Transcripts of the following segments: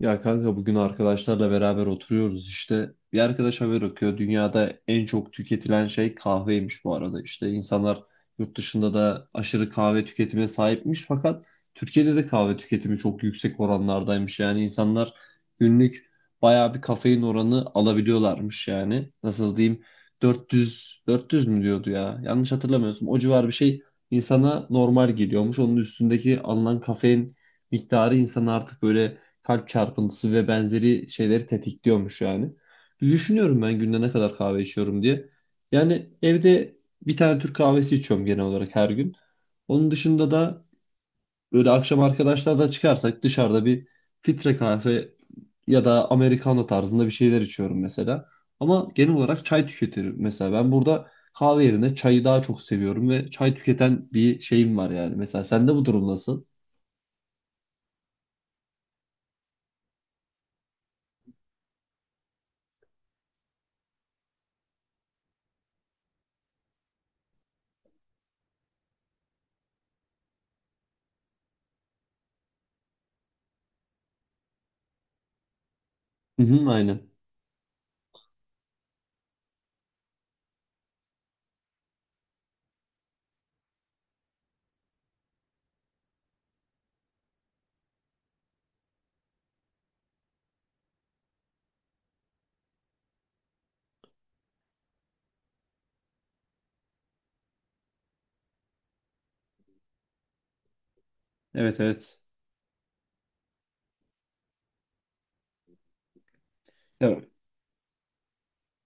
Ya kanka bugün arkadaşlarla beraber oturuyoruz işte. Bir arkadaş haber okuyor. Dünyada en çok tüketilen şey kahveymiş bu arada. İşte insanlar yurt dışında da aşırı kahve tüketimine sahipmiş fakat Türkiye'de de kahve tüketimi çok yüksek oranlardaymış. Yani insanlar günlük bayağı bir kafein oranı alabiliyorlarmış yani. Nasıl diyeyim? 400 mü diyordu ya? Yanlış hatırlamıyorsun. O civar bir şey insana normal geliyormuş. Onun üstündeki alınan kafein miktarı insan artık böyle kalp çarpıntısı ve benzeri şeyleri tetikliyormuş yani. Bir düşünüyorum ben günde ne kadar kahve içiyorum diye. Yani evde bir tane Türk kahvesi içiyorum genel olarak her gün. Onun dışında da böyle akşam arkadaşlarla çıkarsak dışarıda bir filtre kahve ya da americano tarzında bir şeyler içiyorum mesela. Ama genel olarak çay tüketirim mesela. Ben burada kahve yerine çayı daha çok seviyorum ve çay tüketen bir şeyim var yani. Mesela sende bu durum nasıl? Hı hı, aynen. Evet evet. Ya,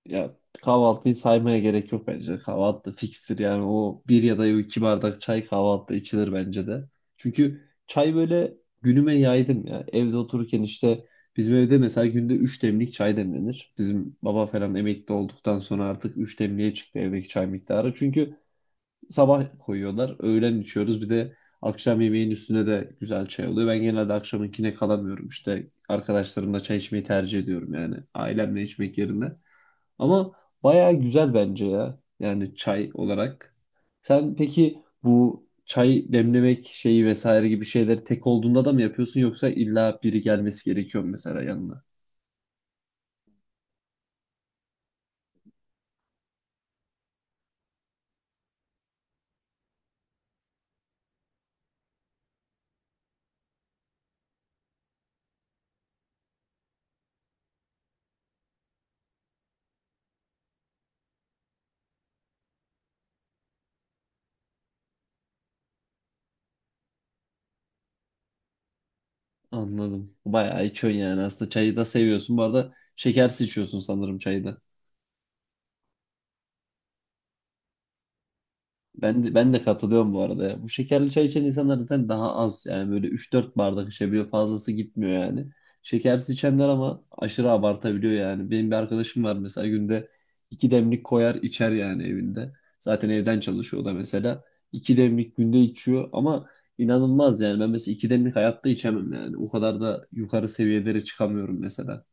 ya kahvaltıyı saymaya gerek yok bence. Kahvaltı da fikstir yani o bir ya da iki bardak çay kahvaltıda içilir bence de. Çünkü çay böyle günüme yaydım ya. Evde otururken işte bizim evde mesela günde üç demlik çay demlenir. Bizim baba falan emekli olduktan sonra artık üç demliğe çıktı evdeki çay miktarı. Çünkü sabah koyuyorlar, öğlen içiyoruz bir de akşam yemeğin üstüne de güzel çay oluyor. Ben genelde akşamınkine kalamıyorum işte arkadaşlarımla çay içmeyi tercih ediyorum yani ailemle içmek yerine. Ama bayağı güzel bence ya. Yani çay olarak. Sen peki bu çay demlemek şeyi vesaire gibi şeyleri tek olduğunda da mı yapıyorsun yoksa illa biri gelmesi gerekiyor mu mesela yanına? Anladım. Bayağı içiyorsun yani aslında çayı da seviyorsun. Bu arada şekersiz içiyorsun sanırım çayı da. Ben de katılıyorum bu arada ya. Bu şekerli çay içen insanlar zaten daha az yani böyle üç dört bardak içebiliyor fazlası gitmiyor yani. Şekersiz içenler ama aşırı abartabiliyor yani. Benim bir arkadaşım var mesela günde 2 demlik koyar içer yani evinde. Zaten evden çalışıyor o da mesela. İki demlik günde içiyor ama inanılmaz yani. Ben mesela 2 demlik hayatta içemem yani. O kadar da yukarı seviyelere çıkamıyorum mesela.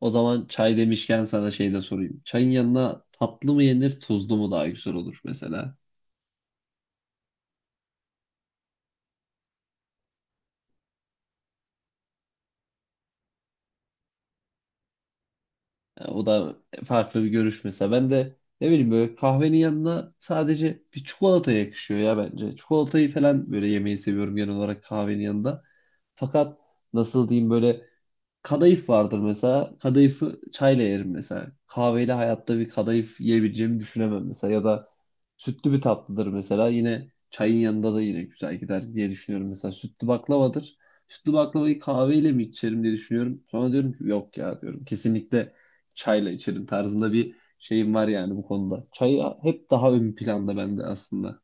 O zaman çay demişken sana şey de sorayım. Çayın yanına tatlı mı yenir tuzlu mu daha güzel olur mesela? Yani o da farklı bir görüş mesela. Ben de ne bileyim böyle kahvenin yanına sadece bir çikolata yakışıyor ya bence. Çikolatayı falan böyle yemeyi seviyorum genel olarak kahvenin yanında. Fakat nasıl diyeyim böyle kadayıf vardır mesela. Kadayıfı çayla yerim mesela. Kahveyle hayatta bir kadayıf yiyebileceğimi düşünemem mesela. Ya da sütlü bir tatlıdır mesela. Yine çayın yanında da yine güzel gider diye düşünüyorum. Mesela sütlü baklavadır. Sütlü baklavayı kahveyle mi içerim diye düşünüyorum. Sonra diyorum ki yok ya diyorum. Kesinlikle çayla içerim tarzında bir şeyim var yani bu konuda. Çay hep daha ön planda bende aslında.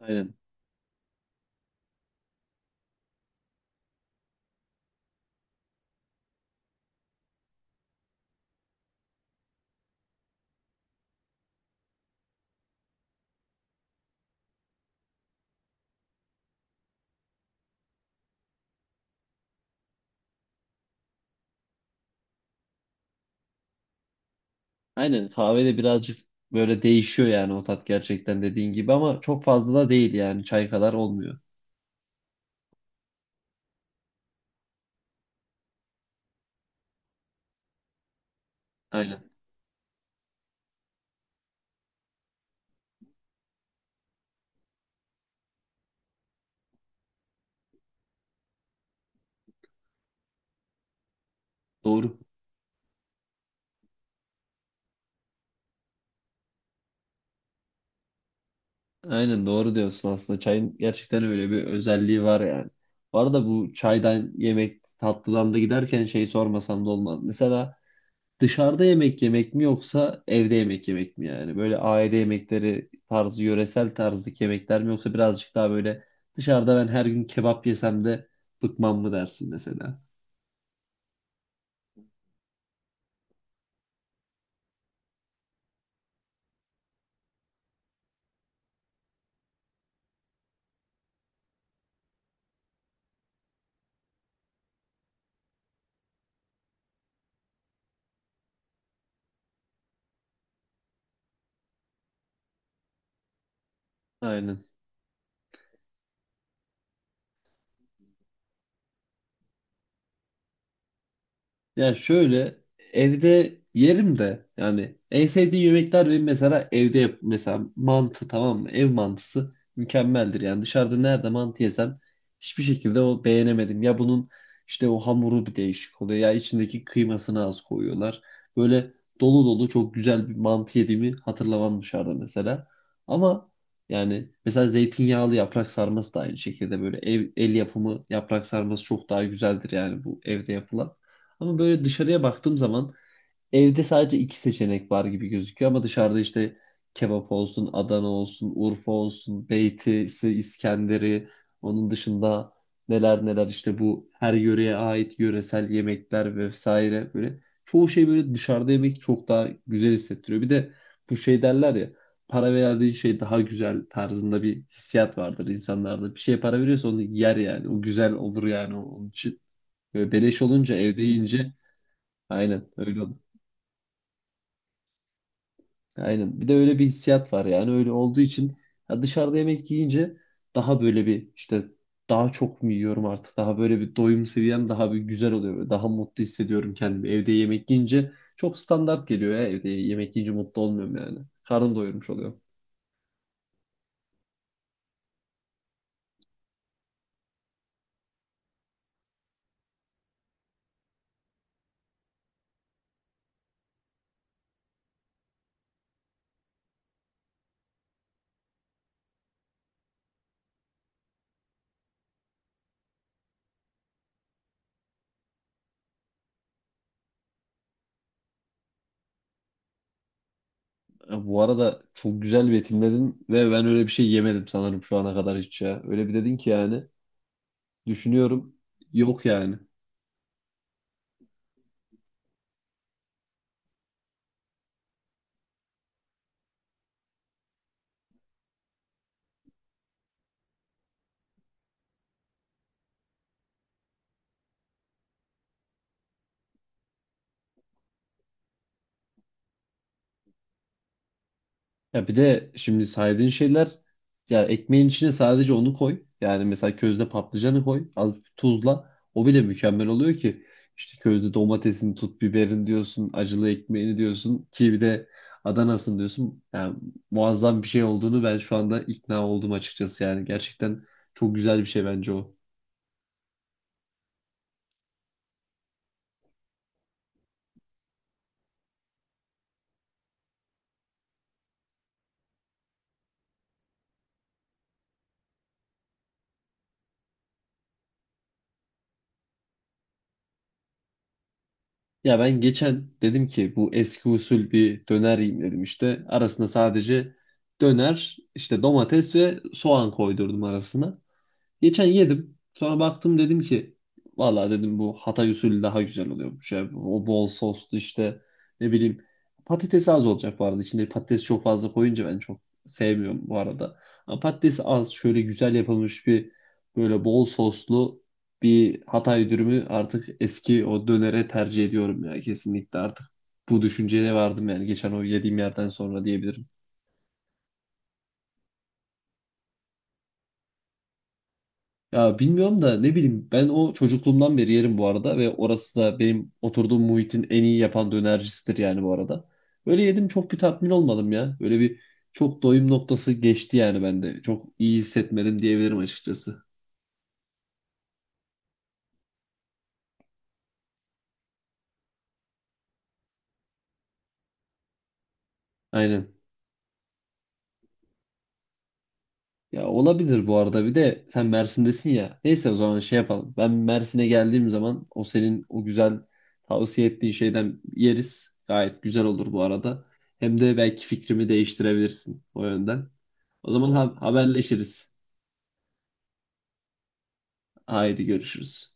Aynen. Aynen kahve de birazcık böyle değişiyor yani o tat gerçekten dediğin gibi ama çok fazla da değil yani çay kadar olmuyor. Aynen doğru. Aynen doğru diyorsun aslında çayın gerçekten öyle bir özelliği var yani. Bu arada bu çaydan yemek tatlıdan da giderken şey sormasam da olmaz. Mesela dışarıda yemek yemek mi yoksa evde yemek yemek mi yani? Böyle aile yemekleri tarzı, yöresel tarzdaki yemekler mi yoksa birazcık daha böyle dışarıda ben her gün kebap yesem de bıkmam mı dersin mesela? Aynen. Ya şöyle evde yerim de yani en sevdiğim yemekler benim mesela evde yap mesela mantı tamam mı? Ev mantısı mükemmeldir. Yani dışarıda nerede mantı yesem hiçbir şekilde o beğenemedim. Ya bunun işte o hamuru bir değişik oluyor ya içindeki kıymasını az koyuyorlar. Böyle dolu dolu çok güzel bir mantı yediğimi hatırlamam dışarıda mesela. Ama yani mesela zeytinyağlı yaprak sarması da aynı şekilde böyle ev, el yapımı yaprak sarması çok daha güzeldir yani bu evde yapılan. Ama böyle dışarıya baktığım zaman evde sadece iki seçenek var gibi gözüküyor ama dışarıda işte kebap olsun, Adana olsun, Urfa olsun, Beyti'si, İskender'i, onun dışında neler neler işte bu her yöreye ait yöresel yemekler vesaire böyle çoğu şey böyle dışarıda yemek çok daha güzel hissettiriyor. Bir de bu şey derler ya para verdiğin şey daha güzel tarzında bir hissiyat vardır insanlarda. Bir şeye para veriyorsa onu yer yani. O güzel olur yani onun için. Böyle beleş olunca evde yiyince aynen öyle oldu. Aynen. Bir de öyle bir hissiyat var yani öyle olduğu için ya dışarıda yemek yiyince daha böyle bir işte daha çok mu yiyorum artık daha böyle bir doyum seviyem daha bir güzel oluyor. Böyle daha mutlu hissediyorum kendimi. Evde yemek yiyince çok standart geliyor ya evde yemek yiyince mutlu olmuyorum yani. Karnım doyurmuş oluyor. Ya bu arada çok güzel betimledin ve ben öyle bir şey yemedim sanırım şu ana kadar hiç ya. Öyle bir dedin ki yani düşünüyorum yok yani. Ya bir de şimdi saydığın şeyler ya ekmeğin içine sadece onu koy. Yani mesela közde patlıcanı koy. Az tuzla. O bile mükemmel oluyor ki. İşte közde domatesini tut, biberin diyorsun, acılı ekmeğini diyorsun ki bir de Adana'sın diyorsun. Yani muazzam bir şey olduğunu ben şu anda ikna oldum açıkçası yani. Gerçekten çok güzel bir şey bence o. Ya ben geçen dedim ki bu eski usul bir döner yiyeyim dedim işte. Arasına sadece döner, işte domates ve soğan koydurdum arasına. Geçen yedim. Sonra baktım dedim ki valla dedim bu Hatay usulü daha güzel oluyormuş ya. O bol soslu işte ne bileyim patates az olacak bu arada. İçinde patates çok fazla koyunca ben çok sevmiyorum bu arada. Ama patates az şöyle güzel yapılmış bir böyle bol soslu bir Hatay dürümü artık eski o dönere tercih ediyorum ya kesinlikle artık bu düşünceye vardım yani geçen o yediğim yerden sonra diyebilirim. Ya bilmiyorum da ne bileyim ben o çocukluğumdan beri yerim bu arada ve orası da benim oturduğum muhitin en iyi yapan dönercisidir yani bu arada. Böyle yedim çok bir tatmin olmadım ya. Böyle bir çok doyum noktası geçti yani bende. Çok iyi hissetmedim diyebilirim açıkçası. Aynen. Ya olabilir bu arada bir de sen Mersin'desin ya. Neyse o zaman şey yapalım. Ben Mersin'e geldiğim zaman o senin o güzel tavsiye ettiğin şeyden yeriz. Gayet güzel olur bu arada. Hem de belki fikrimi değiştirebilirsin o yönden. O zaman haberleşiriz. Haydi görüşürüz.